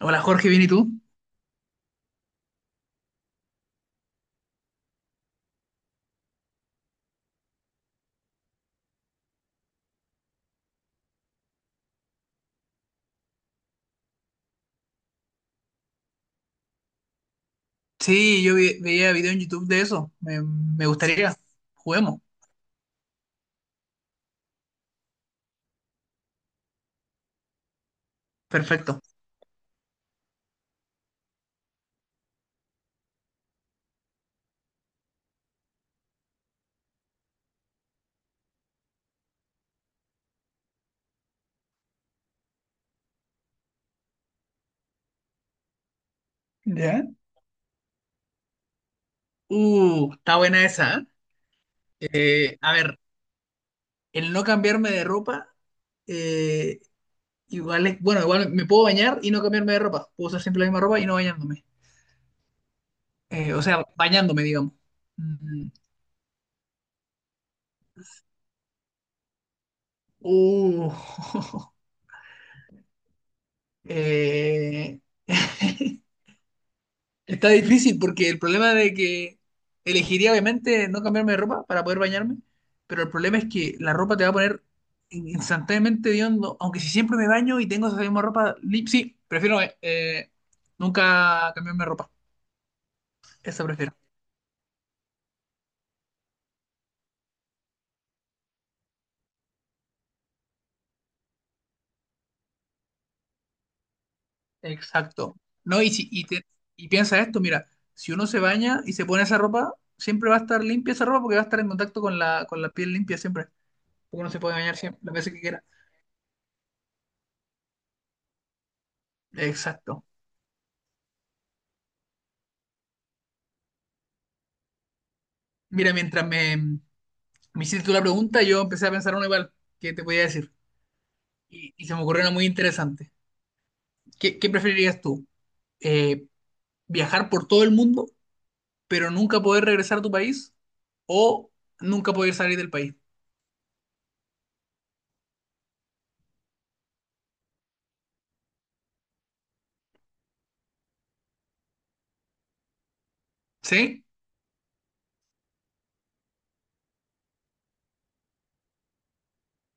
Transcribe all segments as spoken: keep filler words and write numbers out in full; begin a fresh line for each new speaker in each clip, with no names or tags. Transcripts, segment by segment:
Hola Jorge, ¿bien y tú? Sí, yo vi- veía video en YouTube de eso. Me, me gustaría. Juguemos. Perfecto. ¿Ya? Uh, está buena esa, ¿eh? Eh, a ver, el no cambiarme de ropa, eh, igual es, bueno, igual me puedo bañar y no cambiarme de ropa. Puedo usar siempre la misma ropa y no bañándome. Eh, o sea, bañándome, digamos. Mm, uh, eh, Está difícil porque el problema de que elegiría obviamente no cambiarme de ropa para poder bañarme, pero el problema es que la ropa te va a poner in- instantáneamente hediondo, aunque si siempre me baño y tengo esa misma ropa, li- sí, prefiero eh, eh, nunca cambiarme de ropa, esa prefiero. Exacto. No, y, si, y, te- y piensa esto, mira, si uno se baña y se pone esa ropa, siempre va a estar limpia esa ropa porque va a estar en contacto con la, con la piel limpia siempre, porque uno se puede bañar siempre, las veces que quiera. Exacto. Mira, mientras me, Me hiciste tú la pregunta, yo empecé a pensar uno igual, ¿qué te podía decir? Y, y se me ocurrió una muy interesante. ¿Qué, ¿qué preferirías tú? Eh, ¿viajar por todo el mundo, pero nunca poder regresar a tu país? ¿O nunca poder salir del país? ¿Sí?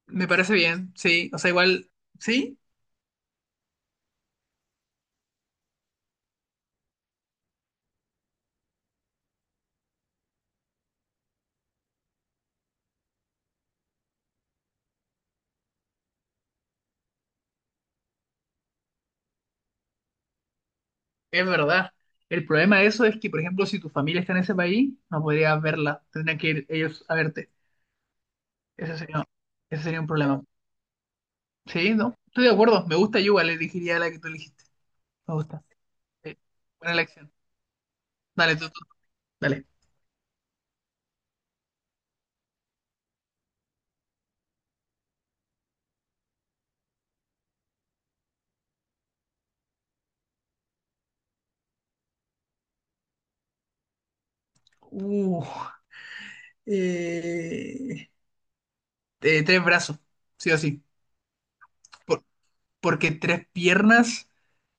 Me parece bien, sí. O sea, igual, sí, es verdad. El problema de eso es que, por ejemplo, si tu familia está en ese país, no podrías verla. Tendrían que ir ellos a verte. Ese sería, ese sería un problema. Sí, ¿no? Estoy de acuerdo. Me gusta, yo igual elegiría la que tú elegiste. Me gusta. Sí, buena elección. Dale, tú, tú. Dale. Uh, eh, eh, tres brazos, sí o sí. Por- porque tres piernas.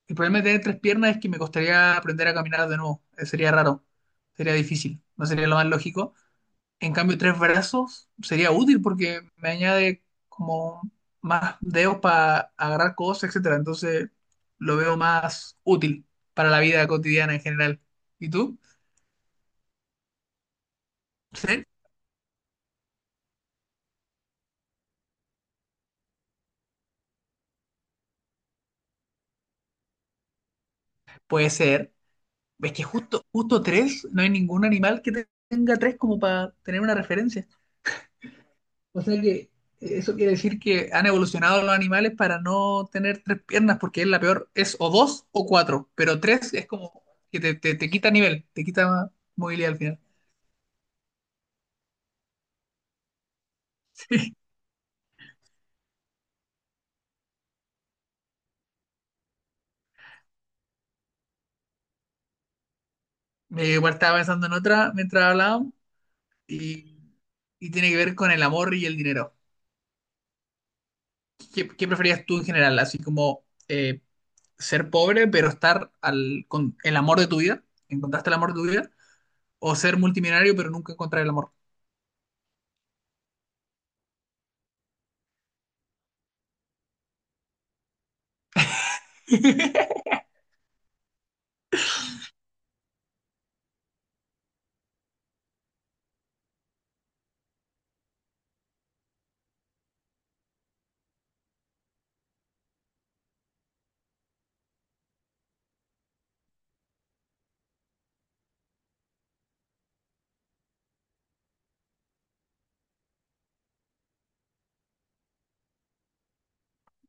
El problema de tener tres piernas es que me costaría aprender a caminar de nuevo. Eh, sería raro. Sería difícil. No sería lo más lógico. En cambio, tres brazos sería útil porque me añade como más dedos para agarrar cosas, etcétera. Entonces, lo veo más útil para la vida cotidiana en general. ¿Y tú? Sí, puede ser. Es que justo, justo tres, no hay ningún animal que tenga tres como para tener una referencia. O sea que eso quiere decir que han evolucionado los animales para no tener tres piernas, porque es la peor, es o dos o cuatro, pero tres es como que te, te, te quita nivel, te quita movilidad al final. Sí. Me igual estaba pensando en otra mientras hablábamos y, y tiene que ver con el amor y el dinero. ¿Qué, ¿qué preferías tú en general? Así como eh, ser pobre, pero estar al, con el amor de tu vida. ¿Encontraste el amor de tu vida? O ser multimillonario, pero nunca encontrar el amor.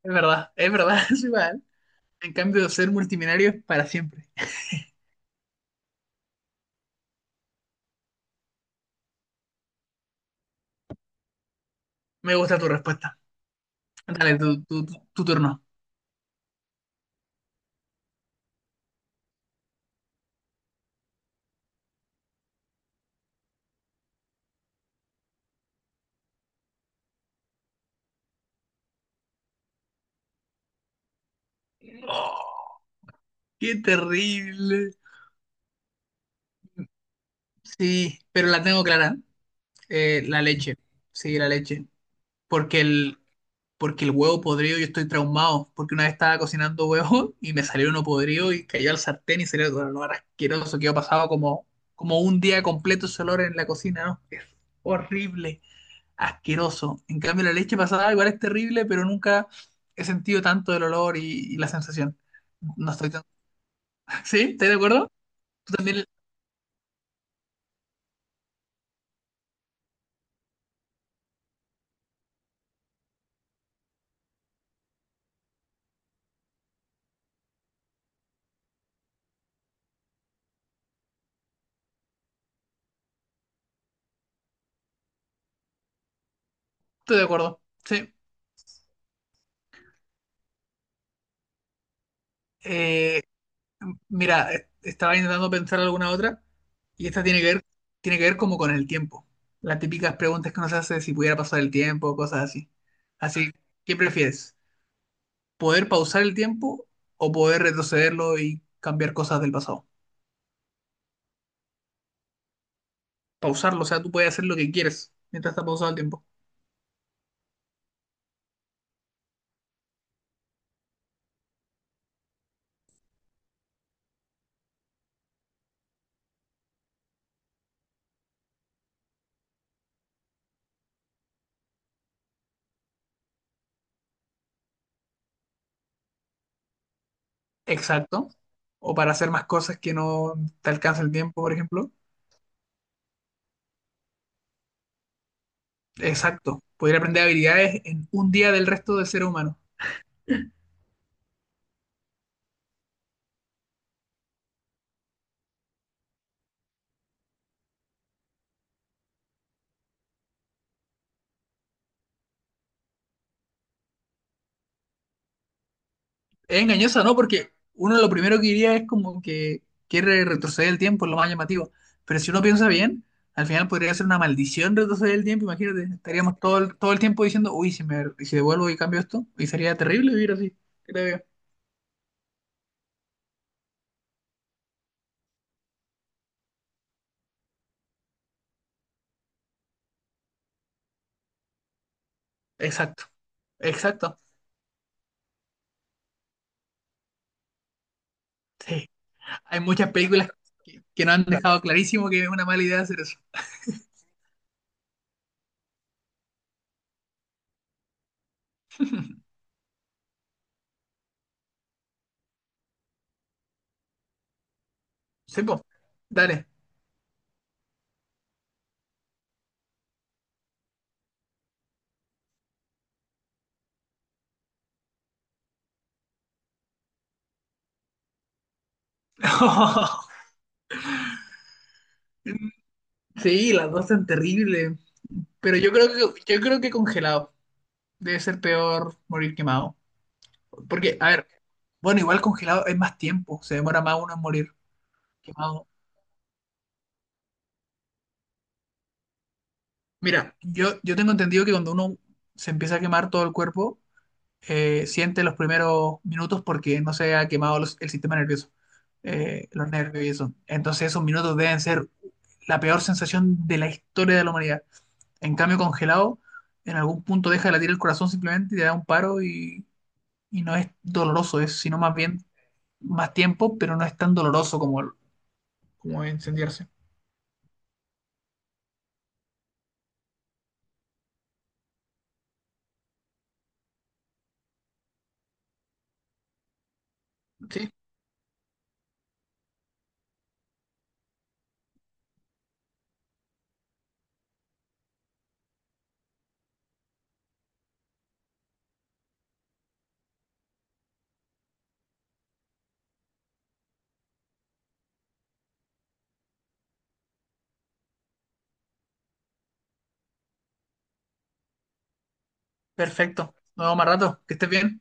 Es verdad, es verdad, es igual. En cambio, ser multimillonario es para siempre. Me gusta tu respuesta. Dale, tu, tu- tu- tu turno. Oh, qué terrible. Sí, pero la tengo clara. Eh, la leche. Sí, la leche. Porque el, porque el huevo podrido yo estoy traumado, porque una vez estaba cocinando huevo y me salió uno podrido y cayó al sartén y salió todo el olor asqueroso que yo pasado como, como un día completo ese olor en la cocina, ¿no? Es horrible, asqueroso. En cambio la leche pasada igual es terrible, pero nunca he sentido tanto el olor y, y la sensación. No estoy tan... ¿Sí? ¿Estás de acuerdo? Tú también estoy de acuerdo. Sí. Eh, Mira, eh, estaba intentando pensar alguna otra y esta tiene que ver, tiene que ver como con el tiempo. Las típicas preguntas que nos hace si pudiera pasar el tiempo, cosas así. Así, ¿qué prefieres? ¿Poder pausar el tiempo o poder retrocederlo y cambiar cosas del pasado? Pausarlo, o sea, tú puedes hacer lo que quieres mientras está pausado el tiempo. Exacto. O para hacer más cosas que no te alcanza el tiempo, por ejemplo. Exacto. Poder aprender habilidades en un día del resto de ser humano. Es engañosa, ¿no? Porque uno lo primero que diría es como que quiere retroceder el tiempo, es lo más llamativo. Pero si uno piensa bien, al final podría ser una maldición retroceder el tiempo, imagínate. Estaríamos todo el, todo el tiempo diciendo, uy, si me y si devuelvo y cambio esto, y sería terrible vivir así, creo yo. Exacto, exacto. Sí, hay muchas películas que, que nos han dejado clarísimo que es una mala idea hacer eso. Sí, po, dale. Sí, las dos son terribles. Pero yo creo que, yo creo que congelado. Debe ser peor morir quemado. Porque, a ver, bueno, igual congelado es más tiempo, se demora más uno en morir quemado. Mira, yo, yo tengo entendido que cuando uno se empieza a quemar todo el cuerpo, eh, siente los primeros minutos porque no se ha quemado los- el sistema nervioso, eh, los nervios y eso. Entonces esos minutos deben ser la peor sensación de la historia de la humanidad. En cambio, congelado, en algún punto deja de latir el corazón simplemente y te da un paro y, y no es doloroso, es sino más bien más tiempo, pero no es tan doloroso como, como incendiarse. Sí, perfecto. Nos vemos más rato. Que estés bien.